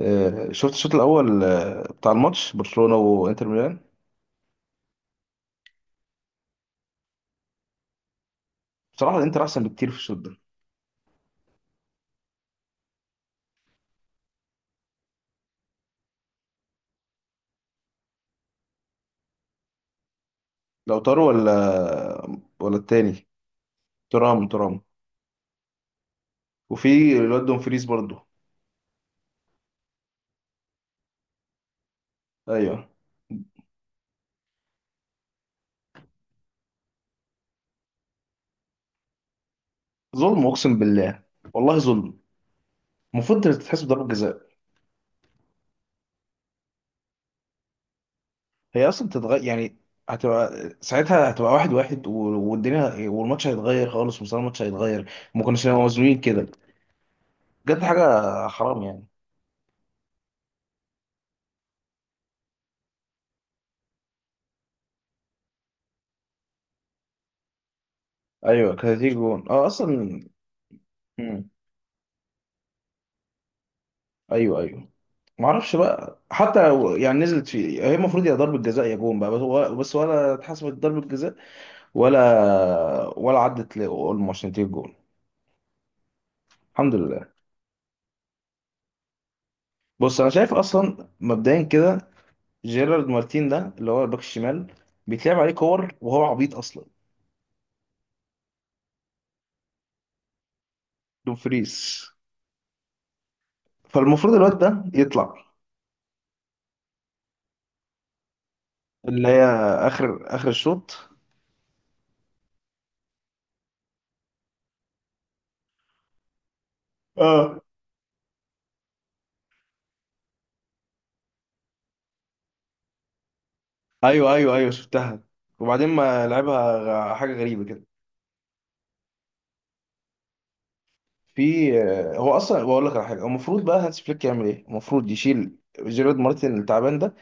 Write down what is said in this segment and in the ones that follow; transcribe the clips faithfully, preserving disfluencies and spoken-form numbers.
آه، شفت الشوط الاول آه، بتاع الماتش برشلونه وانتر ميلان. بصراحه الانتر احسن بكتير في الشوط ده. لو طاروا ولا ولا التاني. ترام ترام. وفي الواد دومفريز برضه. ايوه، ظلم اقسم بالله، والله ظلم، المفروض تتحسب ضربه جزاء. هي اصلا تتغير يعني، هتبقى ساعتها، هتبقى واحد واحد و- والدنيا والماتش هيتغير خالص، مستوى الماتش هيتغير، ما كناش نبقى مظلومين كده. بجد حاجه حرام يعني. ايوه كانت هتيجي جون اه اصلا. مم. ايوه ايوه. ما اعرفش بقى، حتى لو يعني نزلت فيه، هي المفروض يا ضربة جزاء يا جون بقى، بس ولا, بس ولا اتحسبت ضربة جزاء. ولا ولا عدت لاولمو عشان تجيب جون. الحمد لله. بص انا شايف اصلا مبدئيا كده، جيرارد مارتين ده اللي هو الباك الشمال بيتلعب عليه كور وهو عبيط اصلا. دومفريز. فالمفروض الواد ده يطلع. اللي هي اخر اخر الشوط. اه. ايوه ايوه ايوه شفتها، وبعدين ما لعبها. غ- حاجة غريبة كده. في، آه، هو اصلا بقول لك على حاجه، هو المفروض بقى هانس فليك يعمل ايه؟ المفروض يشيل جيرارد مارتن التعبان ده،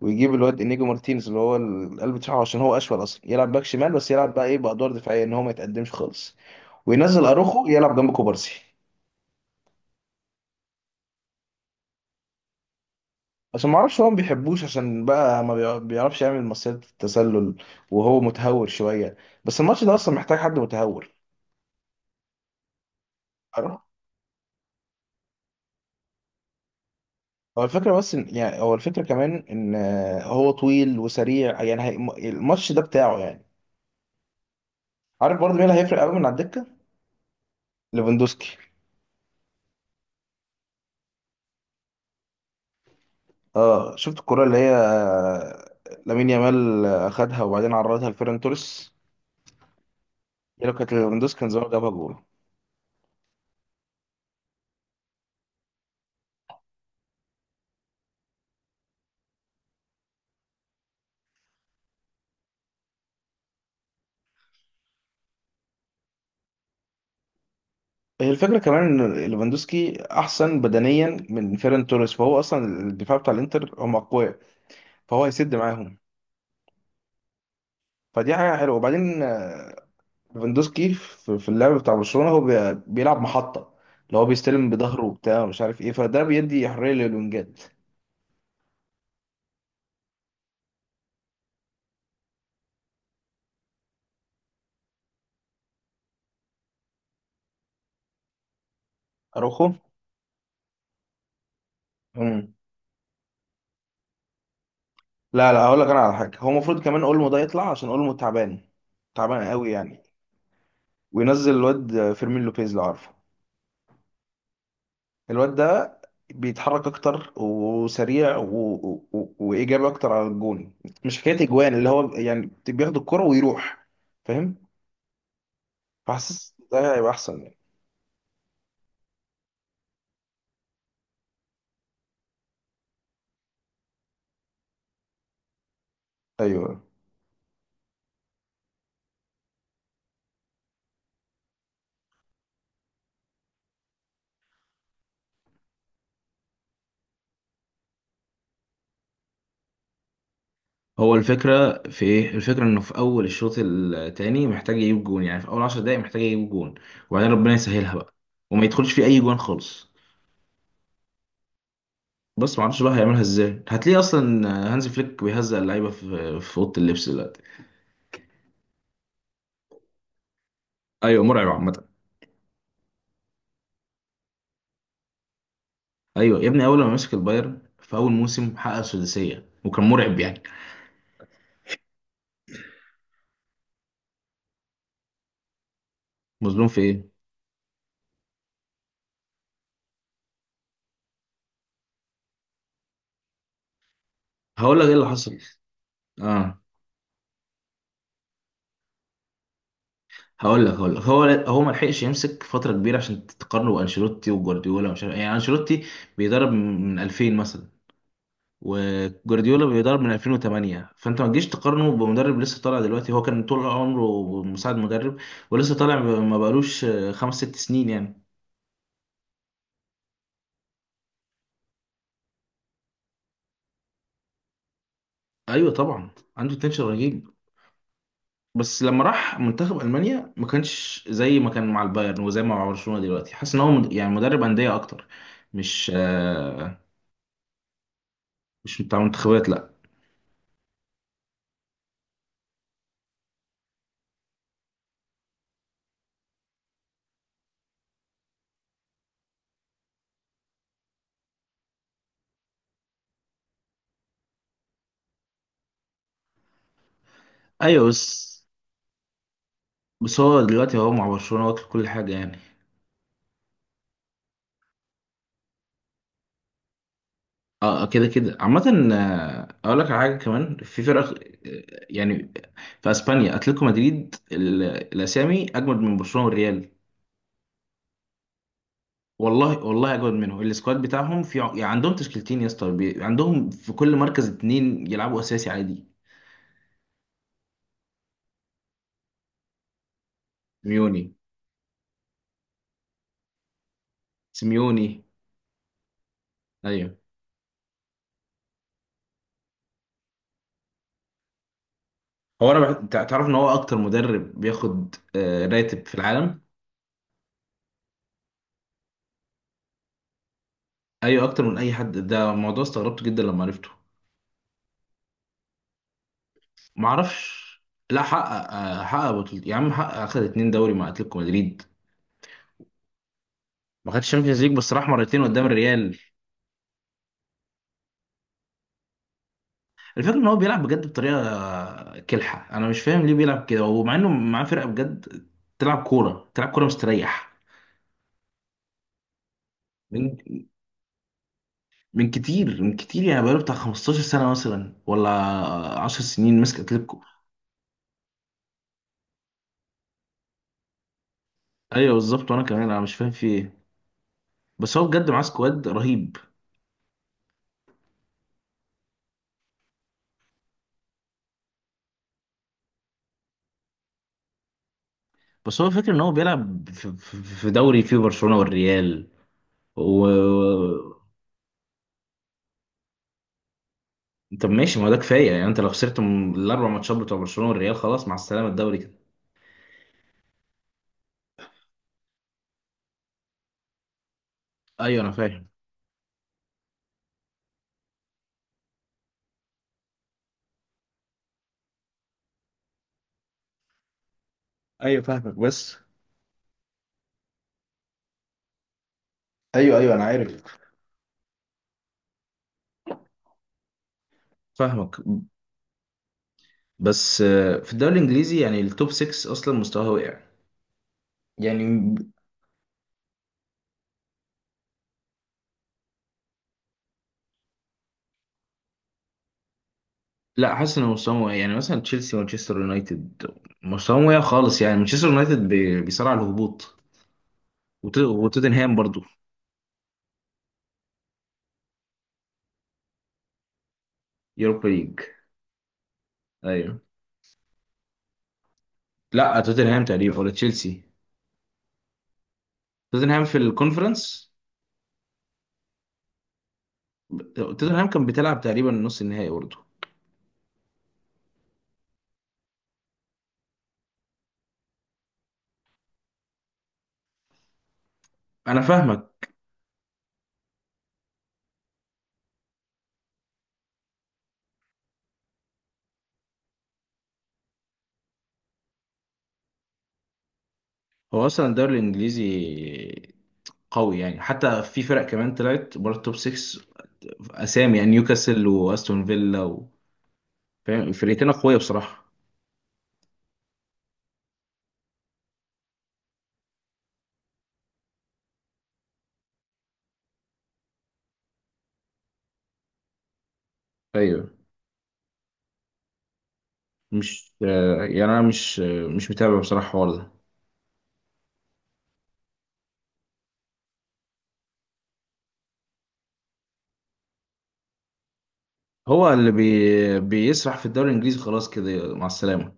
ويجيب الواد انيجو مارتينز اللي هو القلب بتاعه، عشان هو اشول، اصلا يلعب باك شمال بس يلعب بقى ايه بادوار دفاعيه، ان هو ما يتقدمش خالص، وينزل اروخو يلعب جنب كوبارسي. عشان ما اعرفش، هو ما بيحبوش، عشان بقى ما بيع- بيعرفش يعمل مصيدة التسلل، وهو متهور شويه، بس الماتش ده اصلا محتاج حد متهور. أروخو. هو الفكرة بس إن يعني، هو الفكرة كمان إن آه، هو طويل وسريع يعني، هي- الماتش ده بتاعه يعني. عارف برضه مين اللي هيفرق قوي من على الدكه؟ ليفاندوسكي. اه شفت الكرة اللي هي، آه، لامين يامال اخدها وبعدين عرضها لفيران توريس، هي لو كانت ليفاندوسكي كان زمان جابها جول. هي الفكرة كمان ان ليفاندوسكي احسن بدنيا من فيران توريس، فهو اصلا الدفاع بتاع الانتر هم اقوياء، فهو هيسد معاهم. فدي حاجة حلوة. وبعدين، آه، ليفاندوسكي في في اللعب بتاع برشلونة هو بي- بيلعب محطة، اللي هو بيستلم بظهره وبتاع مش عارف ايه، فده بيدي حرية للونجات. اروخو. لا لا، هقول لك انا على حاجه، هو المفروض كمان اولمو ده يطلع، عشان اولمو تعبان، تعبان قوي يعني. وينزل الواد فيرمين لوبيز لو عارفه. الواد ده بيتحرك اكتر وسريع و... و... و- وايجابي اكتر على الجون، مش حكايه اجوان، اللي هو يعني بياخد الكرة ويروح، فاهم؟ فحاسس ده هيبقى احسن يعني. ايوه. هو الفكرة في ايه؟ الفكرة انه في اول الشوط التاني محتاج يجيب جون، يعني في اول عشر دقايق محتاج يجيب جون، وبعدين ربنا يسهلها بقى، وما يدخلش فيه اي جون خالص. بس ما اعرفش بقى هيعملها ازاي، هتلاقيه اصلا هانز فليك بيهزق اللعيبه في في اوضه اللبس دلوقتي. ايوه مرعب عامه. ايوه يا ابني، اول ما مسك البايرن في اول موسم حقق سداسيه وكان مرعب يعني. مظلوم في ايه؟ هقول لك ايه اللي حصل. اه. هقول لك هقول لك هو، هو ما لحقش يمسك فتره كبيره عشان تقارنه بانشيلوتي وجوارديولا ومش عارف إيه. يعني انشيلوتي بيدرب من ألفين مثلا، وجوارديولا بيدرب من ألفين وثمانية، فانت ما تجيش تقارنه بمدرب لسه طالع دلوقتي، هو كان طول عمره مساعد مدرب، ولسه طالع، ما بقالوش خمس ست سنين يعني. ايوه طبعا. عنده تنشن رهيب. بس لما راح منتخب المانيا ما كانش زي ما كان مع البايرن، وزي ما مع برشلونه دلوقتي، حاسس ان هو مد- يعني مدرب انديه اكتر، مش، آه، مش بتاع منتخبات لا. ايوه بس، بس هو دلوقتي هو مع برشلونه واكل كل حاجه يعني. اه، آه، كده كده عامة، آه، اقول لك على حاجة كمان في فرق، آه، يعني في اسبانيا اتلتيكو مدريد، ال- الاسامي اجمد من برشلونة والريال. والله والله اجمد منهم، السكواد بتاعهم في ع- يعني عندهم تشكيلتين يا اسطى، بي- عندهم في كل مركز اتنين يلعبوا اساسي عادي. سيميوني. سيميوني ايوع. هو انا بح... تع- تعرف ان هو اكتر مدرب بياخد، آه، راتب في العالم؟ ايوه اكتر من اي حد، ده موضوع استغربته جدا لما عرفته. معرفش. لا حقق، آه، حقق بطولة يا عم، حقق اخد اتنين دوري مع اتلتيكو مدريد. ما خدش الشامبيونز ليج، بس راح مرتين قدام الريال. الفكره ان هو بيلعب بجد بطريقه، آه، كلحه، انا مش فاهم ليه بيلعب كده، ومع انه معاه فرقه بجد تلعب كوره، تلعب كوره مستريح. من من كتير، من كتير يعني، بقاله بتاع خمستاشر سنة سنه مثلا ولا 10 سنين ماسك اتلتيكو. ايوه بالظبط، وانا كمان انا مش فاهم في ايه، بس هو بجد معاه سكواد رهيب. بس هو فاكر ان هو بيلعب في في- في دوري فيه برشلونه والريال. و. طب ماشي، ما هو ده كفايه يعني، انت لو خسرت من الاربع ماتشات بتوع برشلونه والريال خلاص مع السلامه الدوري كده. ايوه انا فاهم. ايوه فاهمك بس. ايوه ايوه انا عارف. فاهمك. بس، آه، في الدوري الانجليزي يعني التوب ستة اصلا مستواه وقع يعني. لا، حاسس ان مستواهم وقع يعني، مثلا تشيلسي ومانشستر يونايتد مستواهم وقع خالص، يعني مانشستر يونايتد بي- بيصارع على الهبوط، وت- وتوتنهام برضو. يوروبا ليج. ايوه. لا توتنهام تقريبا، ولا تشيلسي. توتنهام في الكونفرنس. توتنهام كان بتلعب تقريبا نص النهائي برضه. انا فاهمك. هو اصلا الدوري الانجليزي قوي يعني، حتى في فرق كمان طلعت بره التوب ستة، اسامي يعني نيوكاسل واستون فيلا و... فاهم فرقتين اقوياء بصراحه. ايوه. مش، آه، يعني انا مش، آه، مش متابع بصراحه الحوار ده. هو اللي بي... بيسرح في الدوري الانجليزي، خلاص كده مع السلامه.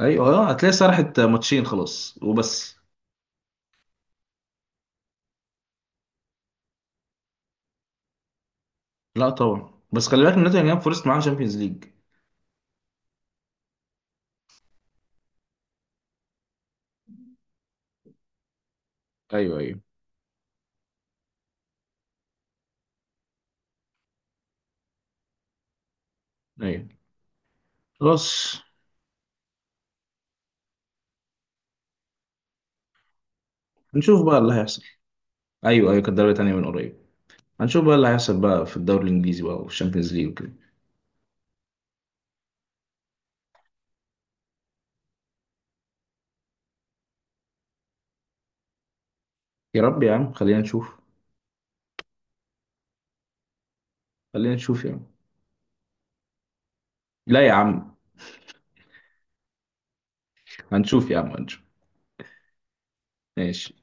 ايوه، آه، هتلاقي سرحت ماتشين خلاص وبس. لا طبعا، بس خلي بالك ان نوتنجهام فورست معاه شامبيونز ليج. ايوه ايوه ايوه خلاص. هنشوف بقى اللي هيحصل. ايوه ايوه كانت دوري تانية من قريب. هنشوف بقى اللي هيحصل بقى في الدوري الانجليزي بقى، وفي الشامبيونز ليج وكده. يا رب يا عم، خلينا نشوف. خلينا نشوف يا عم. لا يا عم. هنشوف يا عم هنشوف. ماشي.